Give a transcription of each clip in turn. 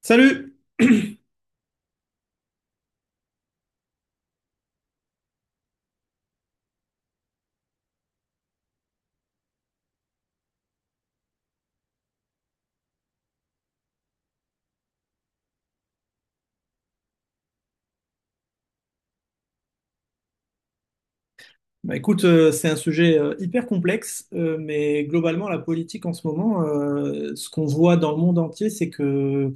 Salut! Bah écoute, c'est un sujet hyper complexe, mais globalement, la politique en ce moment, ce qu'on voit dans le monde entier, c'est que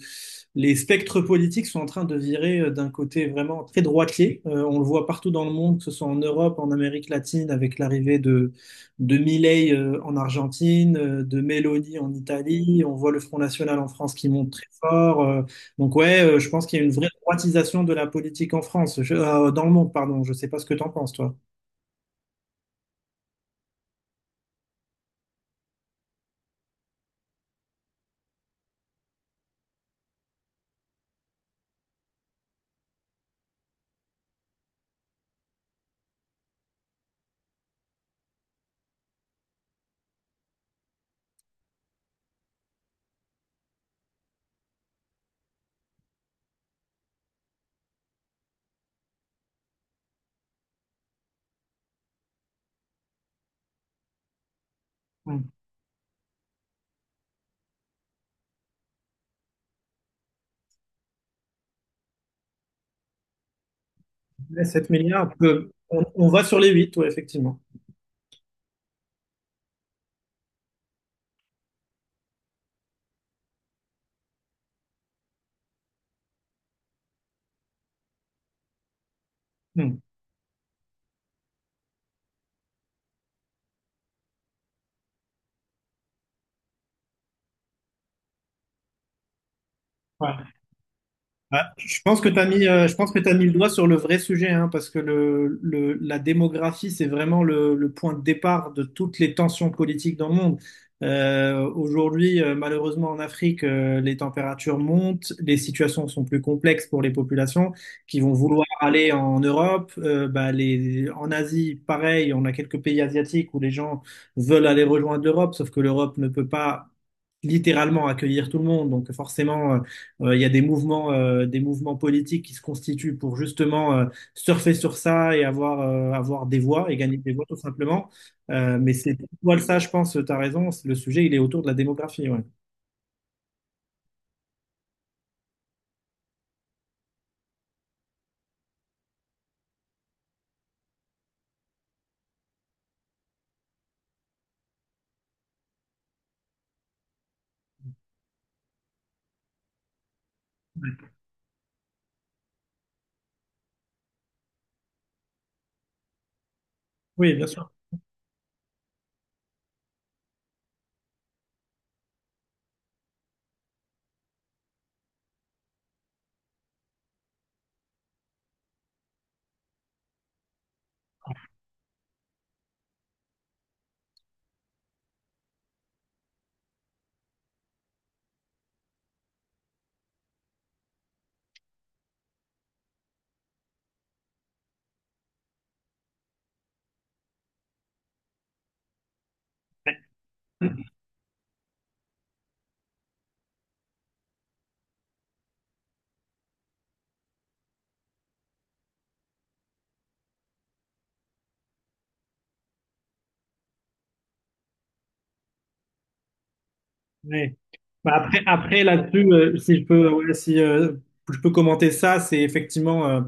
les spectres politiques sont en train de virer d'un côté vraiment très droitier. On le voit partout dans le monde, que ce soit en Europe, en Amérique latine, avec l'arrivée de Milei en Argentine, de Meloni en Italie. On voit le Front National en France qui monte très fort. Donc ouais, je pense qu'il y a une vraie droitisation de la politique en France, dans le monde, pardon. Je sais pas ce que t'en penses, toi. Hmm. Les 7 milliards, on va sur les 8, ouais, effectivement. Hmm. Ouais. Ah, je pense que tu mis le doigt sur le vrai sujet, hein, parce que la démographie, c'est vraiment le point de départ de toutes les tensions politiques dans le monde. Aujourd'hui, malheureusement en Afrique, les températures montent, les situations sont plus complexes pour les populations qui vont vouloir aller en Europe. En Asie, pareil, on a quelques pays asiatiques où les gens veulent aller rejoindre l'Europe, sauf que l'Europe ne peut pas littéralement accueillir tout le monde, donc forcément. Il y a des mouvements politiques qui se constituent pour justement surfer sur ça et avoir, avoir des voix et gagner des voix tout simplement. Mais c'est tout ça, je pense, tu as raison, le sujet, il est autour de la démographie. Ouais. Oui, bien sûr. Ouais. Bah, après là-dessus, si je peux, ouais, si je peux commenter ça, c'est effectivement euh,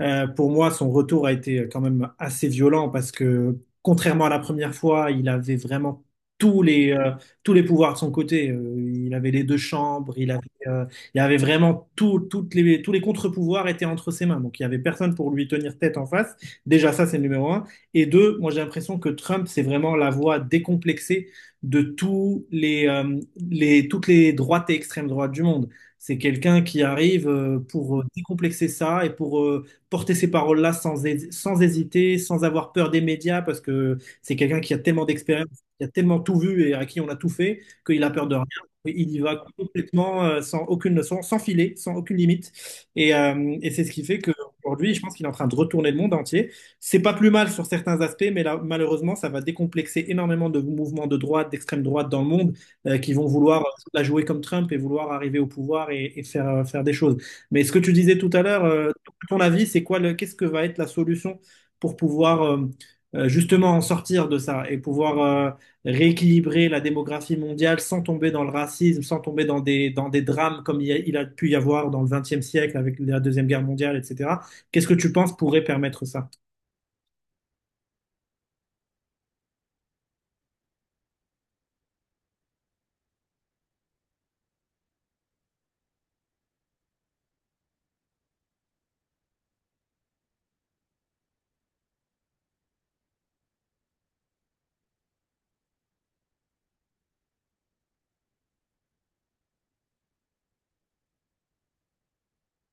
euh, pour moi son retour a été quand même assez violent parce que contrairement à la première fois, il avait vraiment tous les euh, tous les pouvoirs de son côté. Il avait les deux chambres, euh, il avait vraiment tout, toutes les tous les contre-pouvoirs étaient entre ses mains. Donc il y avait personne pour lui tenir tête en face. Déjà ça c'est le numéro un. Et deux, moi j'ai l'impression que Trump c'est vraiment la voix décomplexée de toutes les droites et extrêmes droites du monde. C'est quelqu'un qui arrive pour décomplexer ça et pour porter ces paroles-là sans hésiter, sans avoir peur des médias, parce que c'est quelqu'un qui a tellement d'expérience, qui a tellement tout vu et à qui on a tout fait, qu'il a peur de rien. Il y va complètement sans aucune leçon, sans filet, sans aucune limite. Et c'est ce qui fait qu'aujourd'hui, je pense qu'il est en train de retourner le monde entier. C'est pas plus mal sur certains aspects, mais là, malheureusement, ça va décomplexer énormément de mouvements de droite, d'extrême droite dans le monde, qui vont vouloir la jouer comme Trump et vouloir arriver au pouvoir et faire, faire des choses. Mais ce que tu disais tout à l'heure, ton avis, qu'est-ce que va être la solution pour pouvoir justement en sortir de ça et pouvoir rééquilibrer la démographie mondiale sans tomber dans le racisme, sans tomber dans dans des drames comme il a pu y avoir dans le XXe siècle avec la Deuxième Guerre mondiale, etc. Qu'est-ce que tu penses pourrait permettre ça?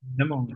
Évidemment.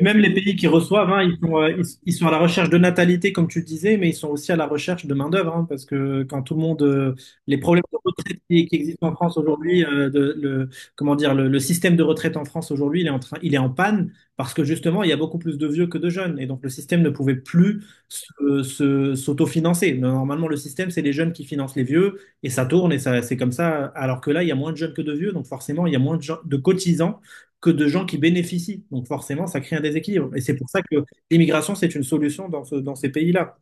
Même les pays qui reçoivent, hein, ils sont à la recherche de natalité, comme tu disais, mais ils sont aussi à la recherche de main-d'œuvre, hein, parce que quand tout le monde, les problèmes de retraite qui existent en France aujourd'hui, comment dire, le système de retraite en France aujourd'hui, il est en panne, parce que justement, il y a beaucoup plus de vieux que de jeunes, et donc le système ne pouvait plus s'autofinancer. Mais normalement, le système, c'est les jeunes qui financent les vieux, et ça tourne, et ça, c'est comme ça, alors que là, il y a moins de jeunes que de vieux, donc forcément, il y a moins de cotisants que de gens qui bénéficient. Donc forcément, ça crée un déséquilibre. Et c'est pour ça que l'immigration, c'est une solution dans ces pays-là.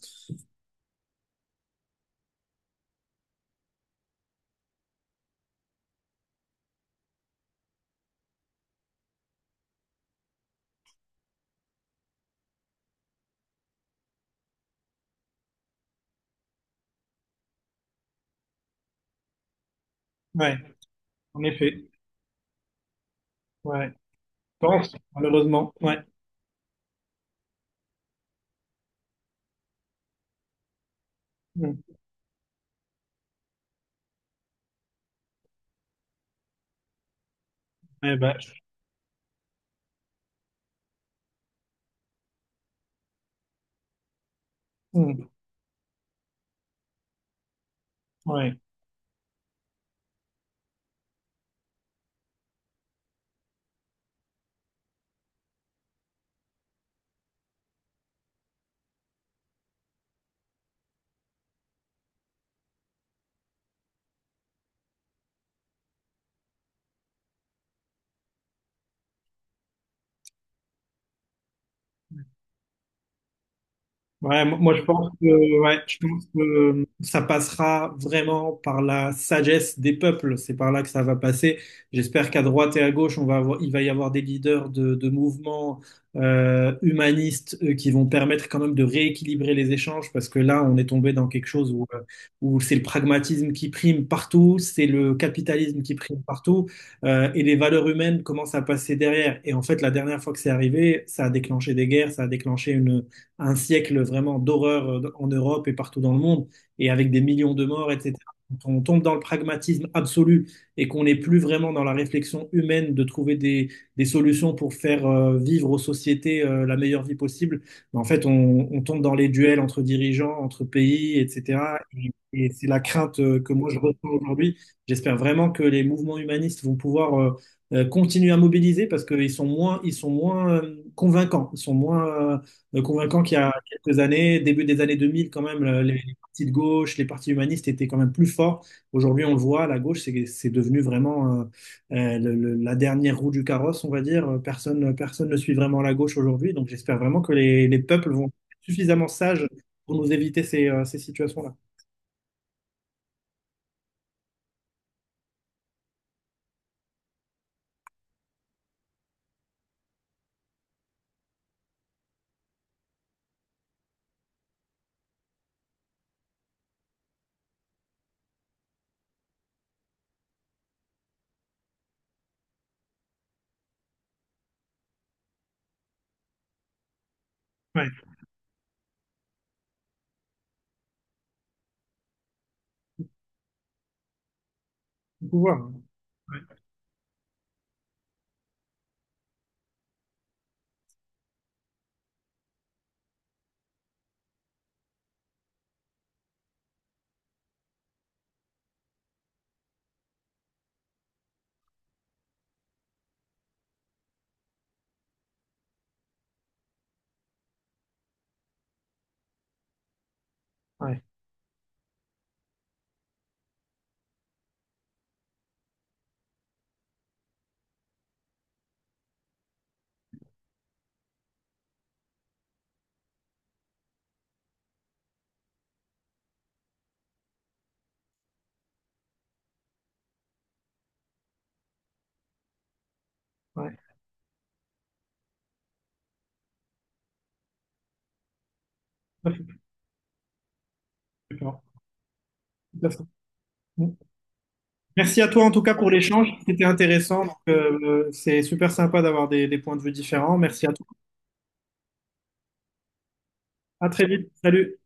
Ouais, en effet. Ouais, je pense, malheureusement. Ouais. Mm. Eh ben, je- mm. Ouais. Ouais, mo- moi je pense que, ouais, je pense que ça passera vraiment par la sagesse des peuples. C'est par là que ça va passer. J'espère qu'à droite et à gauche, il va y avoir des leaders de mouvements humanistes qui vont permettre quand même de rééquilibrer les échanges parce que là, on est tombé dans quelque chose où, où c'est le pragmatisme qui prime partout, c'est le capitalisme qui prime partout et les valeurs humaines commencent à passer derrière. Et en fait, la dernière fois que c'est arrivé, ça a déclenché des guerres, ça a déclenché une un siècle vraiment d'horreur en Europe et partout dans le monde, et avec des millions de morts, etc. Quand on tombe dans le pragmatisme absolu et qu'on n'est plus vraiment dans la réflexion humaine de trouver des solutions pour faire vivre aux sociétés la meilleure vie possible, ben en fait, on tombe dans les duels entre dirigeants, entre pays, etc. Et c'est la crainte que moi je ressens aujourd'hui. J'espère vraiment que les mouvements humanistes vont pouvoir continuer à mobiliser parce qu'ils sont moins convaincants, ils sont moins convaincant qu'il y a quelques années, début des années 2000, quand même, les partis de gauche, les partis humanistes étaient quand même plus forts. Aujourd'hui, on le voit, la gauche, c'est devenu vraiment la dernière roue du carrosse, on va dire. Personne ne suit vraiment la gauche aujourd'hui. Donc, j'espère vraiment que les peuples vont être suffisamment sages pour nous éviter ces situations-là. Ouais, le pouvoir. Hein. Ouais, ouais, ouais. Tout à fait. D'accord. Tout à fait. Bon. Merci à toi en tout cas pour l'échange. C'était intéressant. Donc, c'est super sympa d'avoir des points de vue différents. Merci à toi. À très vite. Salut.